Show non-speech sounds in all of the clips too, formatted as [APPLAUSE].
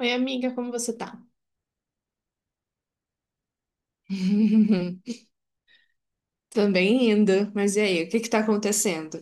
Oi, amiga, como você tá? [LAUGHS] Também indo, mas e aí, o que que tá acontecendo?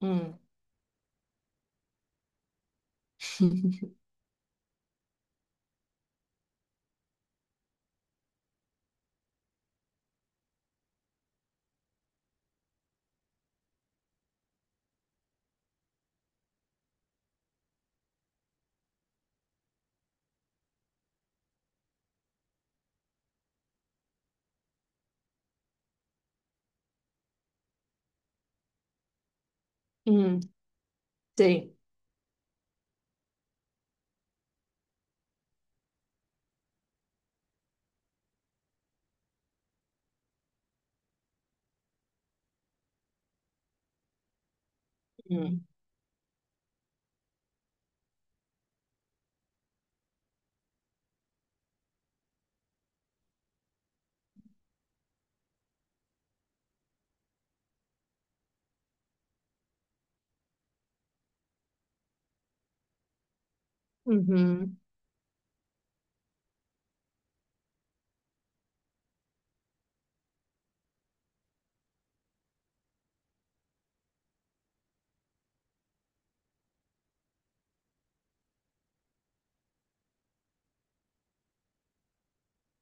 Hum, [LAUGHS] hum, sei. Hum, uhum,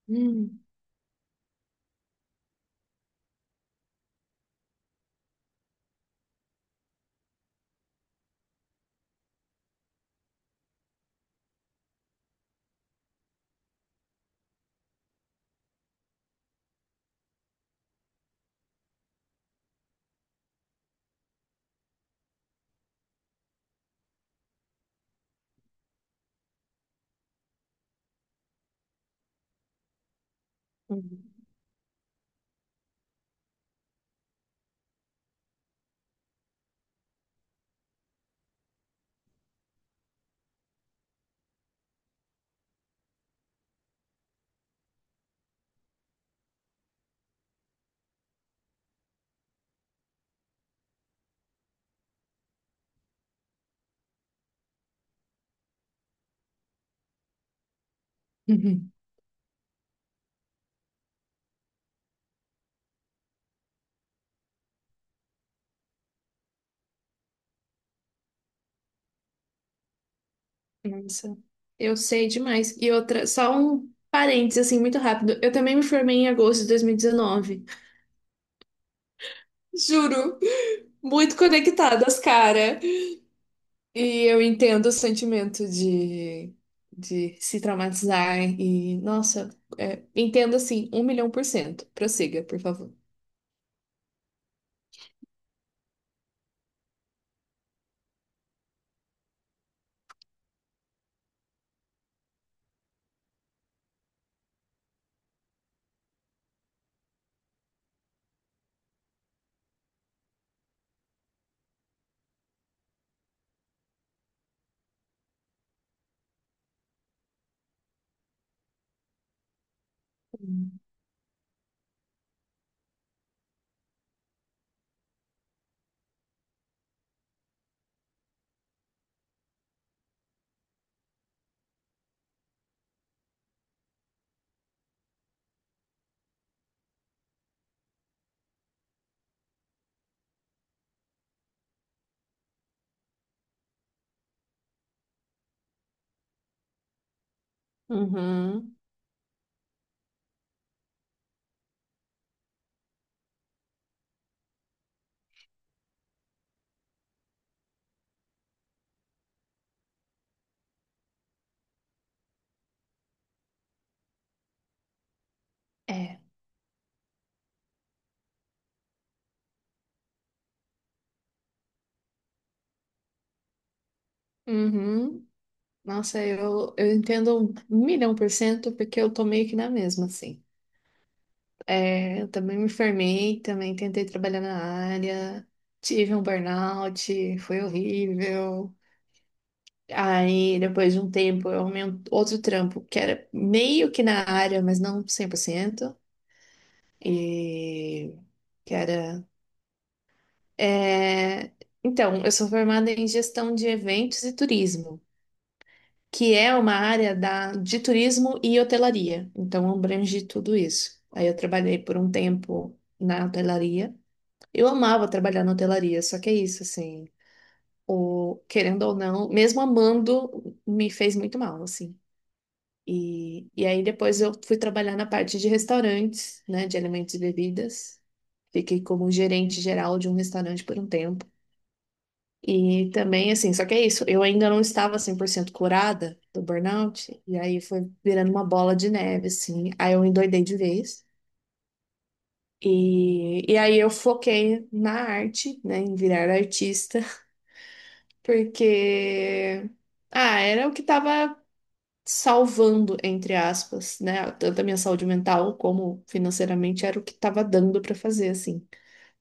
hum, uhum, uhum. Nossa, eu sei demais. E outra, só um parênteses, assim, muito rápido. Eu também me formei em agosto de 2019. [LAUGHS] Juro, muito conectadas, cara. E eu entendo o sentimento de se traumatizar e, nossa, é, entendo assim, um milhão por cento. Prossiga, por favor. Hum. Uhum. É. Uhum. Nossa, eu entendo um milhão por cento porque eu tô meio que na mesma, assim. É, eu também me formei, também tentei trabalhar na área, tive um burnout, foi horrível. Aí, depois de um tempo, eu arrumei um outro trampo que era meio que na área, mas não cem por cento. E que era. É. Então, eu sou formada em gestão de eventos e turismo, que é uma área da de turismo e hotelaria. Então, abrange tudo isso. Aí, eu trabalhei por um tempo na hotelaria. Eu amava trabalhar na hotelaria, só que é isso, assim. O... Querendo ou não, mesmo amando, me fez muito mal, assim. E aí depois eu fui trabalhar na parte de restaurantes, né, de alimentos e bebidas. Fiquei como gerente geral de um restaurante por um tempo. E também, assim, só que é isso, eu ainda não estava 100% curada do burnout, e aí foi virando uma bola de neve, assim. Aí eu endoidei de vez. E aí eu foquei na arte, né, em virar artista, [LAUGHS] porque, ah, era o que estava salvando, entre aspas, né? Tanto a minha saúde mental como financeiramente era o que estava dando para fazer, assim.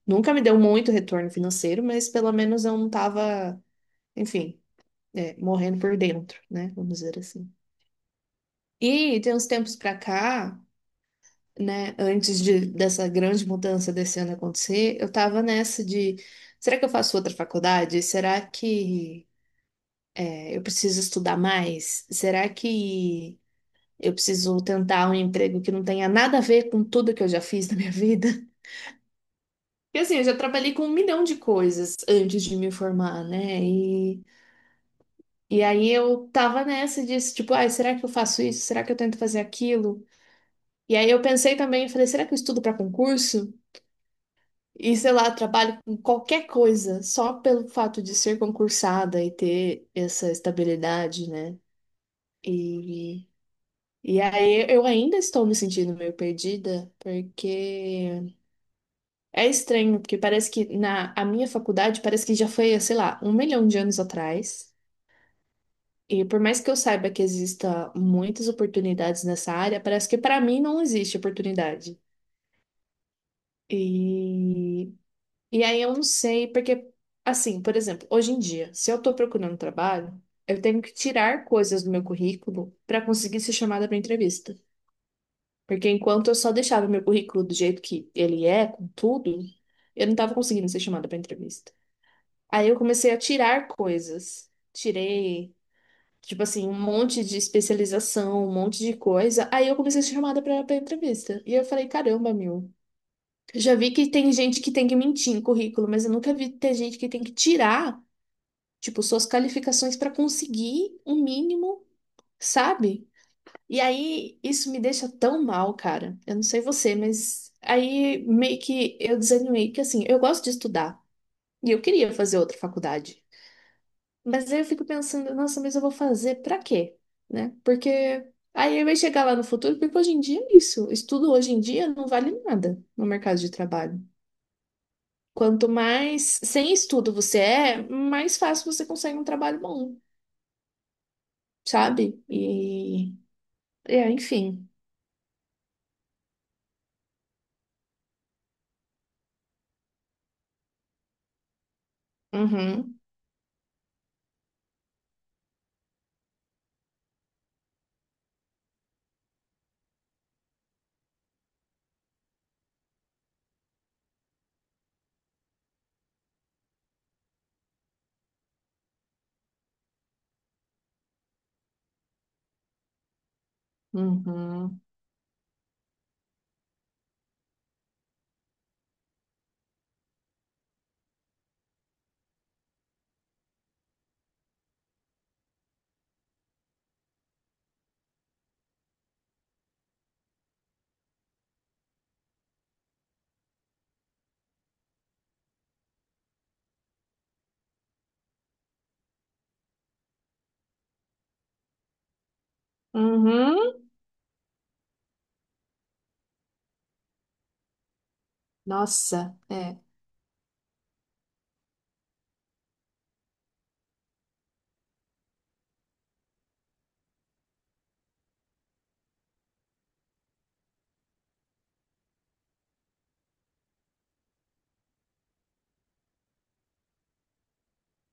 Nunca me deu muito retorno financeiro, mas pelo menos eu não estava, enfim, é, morrendo por dentro, né? Vamos dizer assim. E tem uns tempos pra cá, né? Antes de, dessa grande mudança desse ano acontecer, eu tava nessa de. Será que eu faço outra faculdade? Será que é, eu preciso estudar mais? Será que eu preciso tentar um emprego que não tenha nada a ver com tudo que eu já fiz na minha vida. [LAUGHS] Porque assim, eu já trabalhei com um milhão de coisas antes de me formar, né? E aí eu tava nessa disso, tipo, ai, será que eu faço isso? Será que eu tento fazer aquilo? E aí eu pensei também, eu falei, será que eu estudo para concurso? E sei lá, trabalho com qualquer coisa, só pelo fato de ser concursada e ter essa estabilidade, né? E, e aí eu ainda estou me sentindo meio perdida, porque é estranho, porque parece que na a minha faculdade parece que já foi, sei lá, um milhão de anos atrás. E por mais que eu saiba que exista muitas oportunidades nessa área, parece que para mim não existe oportunidade. E, e aí eu não sei, porque, assim, por exemplo, hoje em dia, se eu estou procurando trabalho, eu tenho que tirar coisas do meu currículo para conseguir ser chamada para entrevista. Porque enquanto eu só deixava o meu currículo do jeito que ele é, com tudo, eu não estava conseguindo ser chamada para entrevista. Aí eu comecei a tirar coisas. Tirei, tipo assim, um monte de especialização, um monte de coisa. Aí eu comecei a ser chamada pra entrevista. E eu falei, caramba, meu. Eu já vi que tem gente que tem que mentir em currículo, mas eu nunca vi ter gente que tem que tirar, tipo, suas qualificações pra conseguir um mínimo, sabe? E aí isso me deixa tão mal, cara. Eu não sei você, mas aí meio que eu desanimei, que assim, eu gosto de estudar. E eu queria fazer outra faculdade. Mas aí eu fico pensando, nossa, mas eu vou fazer pra quê? Né? Porque aí vai chegar lá no futuro, porque hoje em dia é isso. Estudo hoje em dia não vale nada no mercado de trabalho. Quanto mais sem estudo você é, mais fácil você consegue um trabalho bom, sabe? E, é, enfim. Uhum, uhum, uhum. Nossa, é,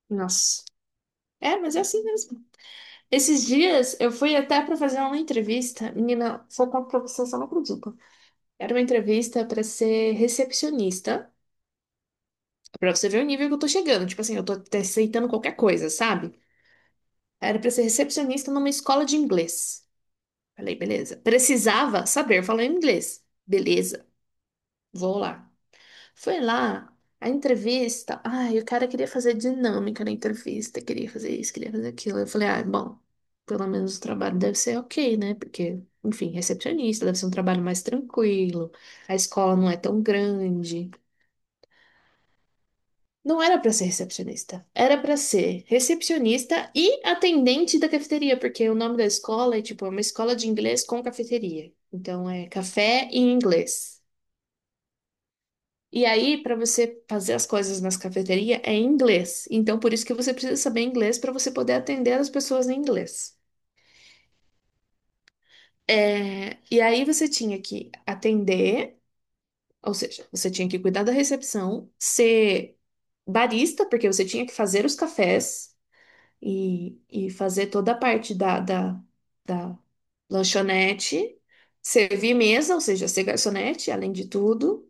nossa. É, mas é assim mesmo. Esses dias eu fui até pra fazer uma entrevista. Menina, se eu conto pra você, você não acredita. Era uma entrevista pra ser recepcionista. Pra você ver o nível que eu tô chegando. Tipo assim, eu tô até aceitando qualquer coisa, sabe? Era pra ser recepcionista numa escola de inglês. Falei, beleza. Precisava saber falar inglês. Beleza, vou lá. Foi lá, a entrevista. Ai, o cara queria fazer dinâmica na entrevista, queria fazer isso, queria fazer aquilo. Eu falei, ah, bom, pelo menos o trabalho deve ser ok, né? Porque, enfim, recepcionista deve ser um trabalho mais tranquilo, a escola não é tão grande. Não era para ser recepcionista, era para ser recepcionista e atendente da cafeteria, porque o nome da escola é tipo é uma escola de inglês com cafeteria. Então é café em inglês. E aí, para você fazer as coisas nas cafeterias é em inglês. Então por isso que você precisa saber inglês para você poder atender as pessoas em inglês. É, e aí você tinha que atender, ou seja, você tinha que cuidar da recepção, ser barista, porque você tinha que fazer os cafés e fazer toda a parte da lanchonete, servir mesa, ou seja, ser garçonete, além de tudo,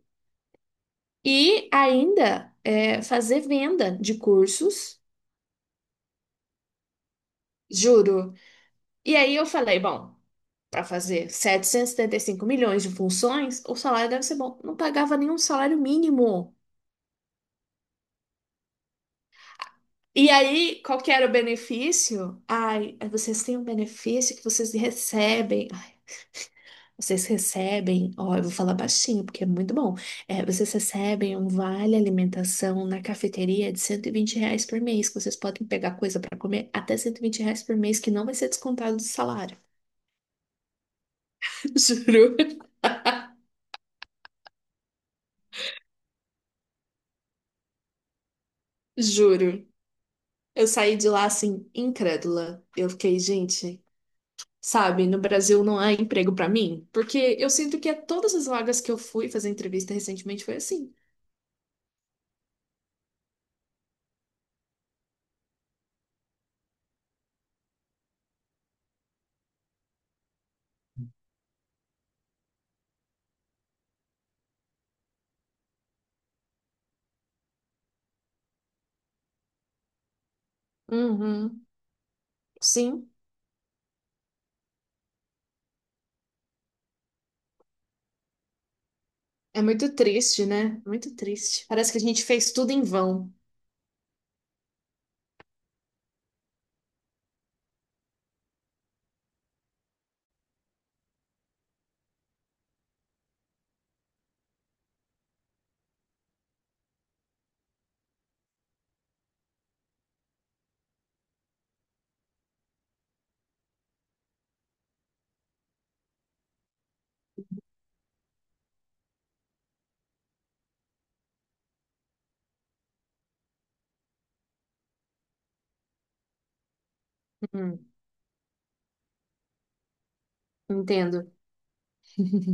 e ainda é, fazer venda de cursos, juro. E aí eu falei, bom, para fazer setecentos e setenta e cinco milhões de funções, o salário deve ser bom. Não pagava nenhum salário mínimo. E aí, qual que era o benefício? Ai, vocês têm um benefício que vocês recebem. Vocês recebem, ó, eu vou falar baixinho porque é muito bom. É, vocês recebem um vale alimentação na cafeteria de R$ 120 por mês, que vocês podem pegar coisa para comer até R$ 120 por mês, que não vai ser descontado do salário. [LAUGHS] Juro. [LAUGHS] Juro. Eu saí de lá assim, incrédula. Eu fiquei, gente, sabe, no Brasil não há emprego para mim? Porque eu sinto que a todas as vagas que eu fui fazer entrevista recentemente foi assim. Uhum. Sim. É muito triste, né? Muito triste. Parece que a gente fez tudo em vão. Hum, entendo. [LAUGHS]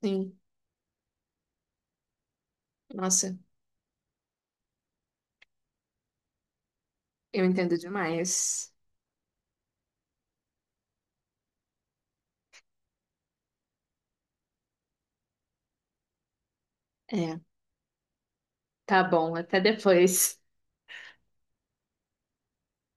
Sim. Nossa, eu entendo demais. É, tá bom, até depois.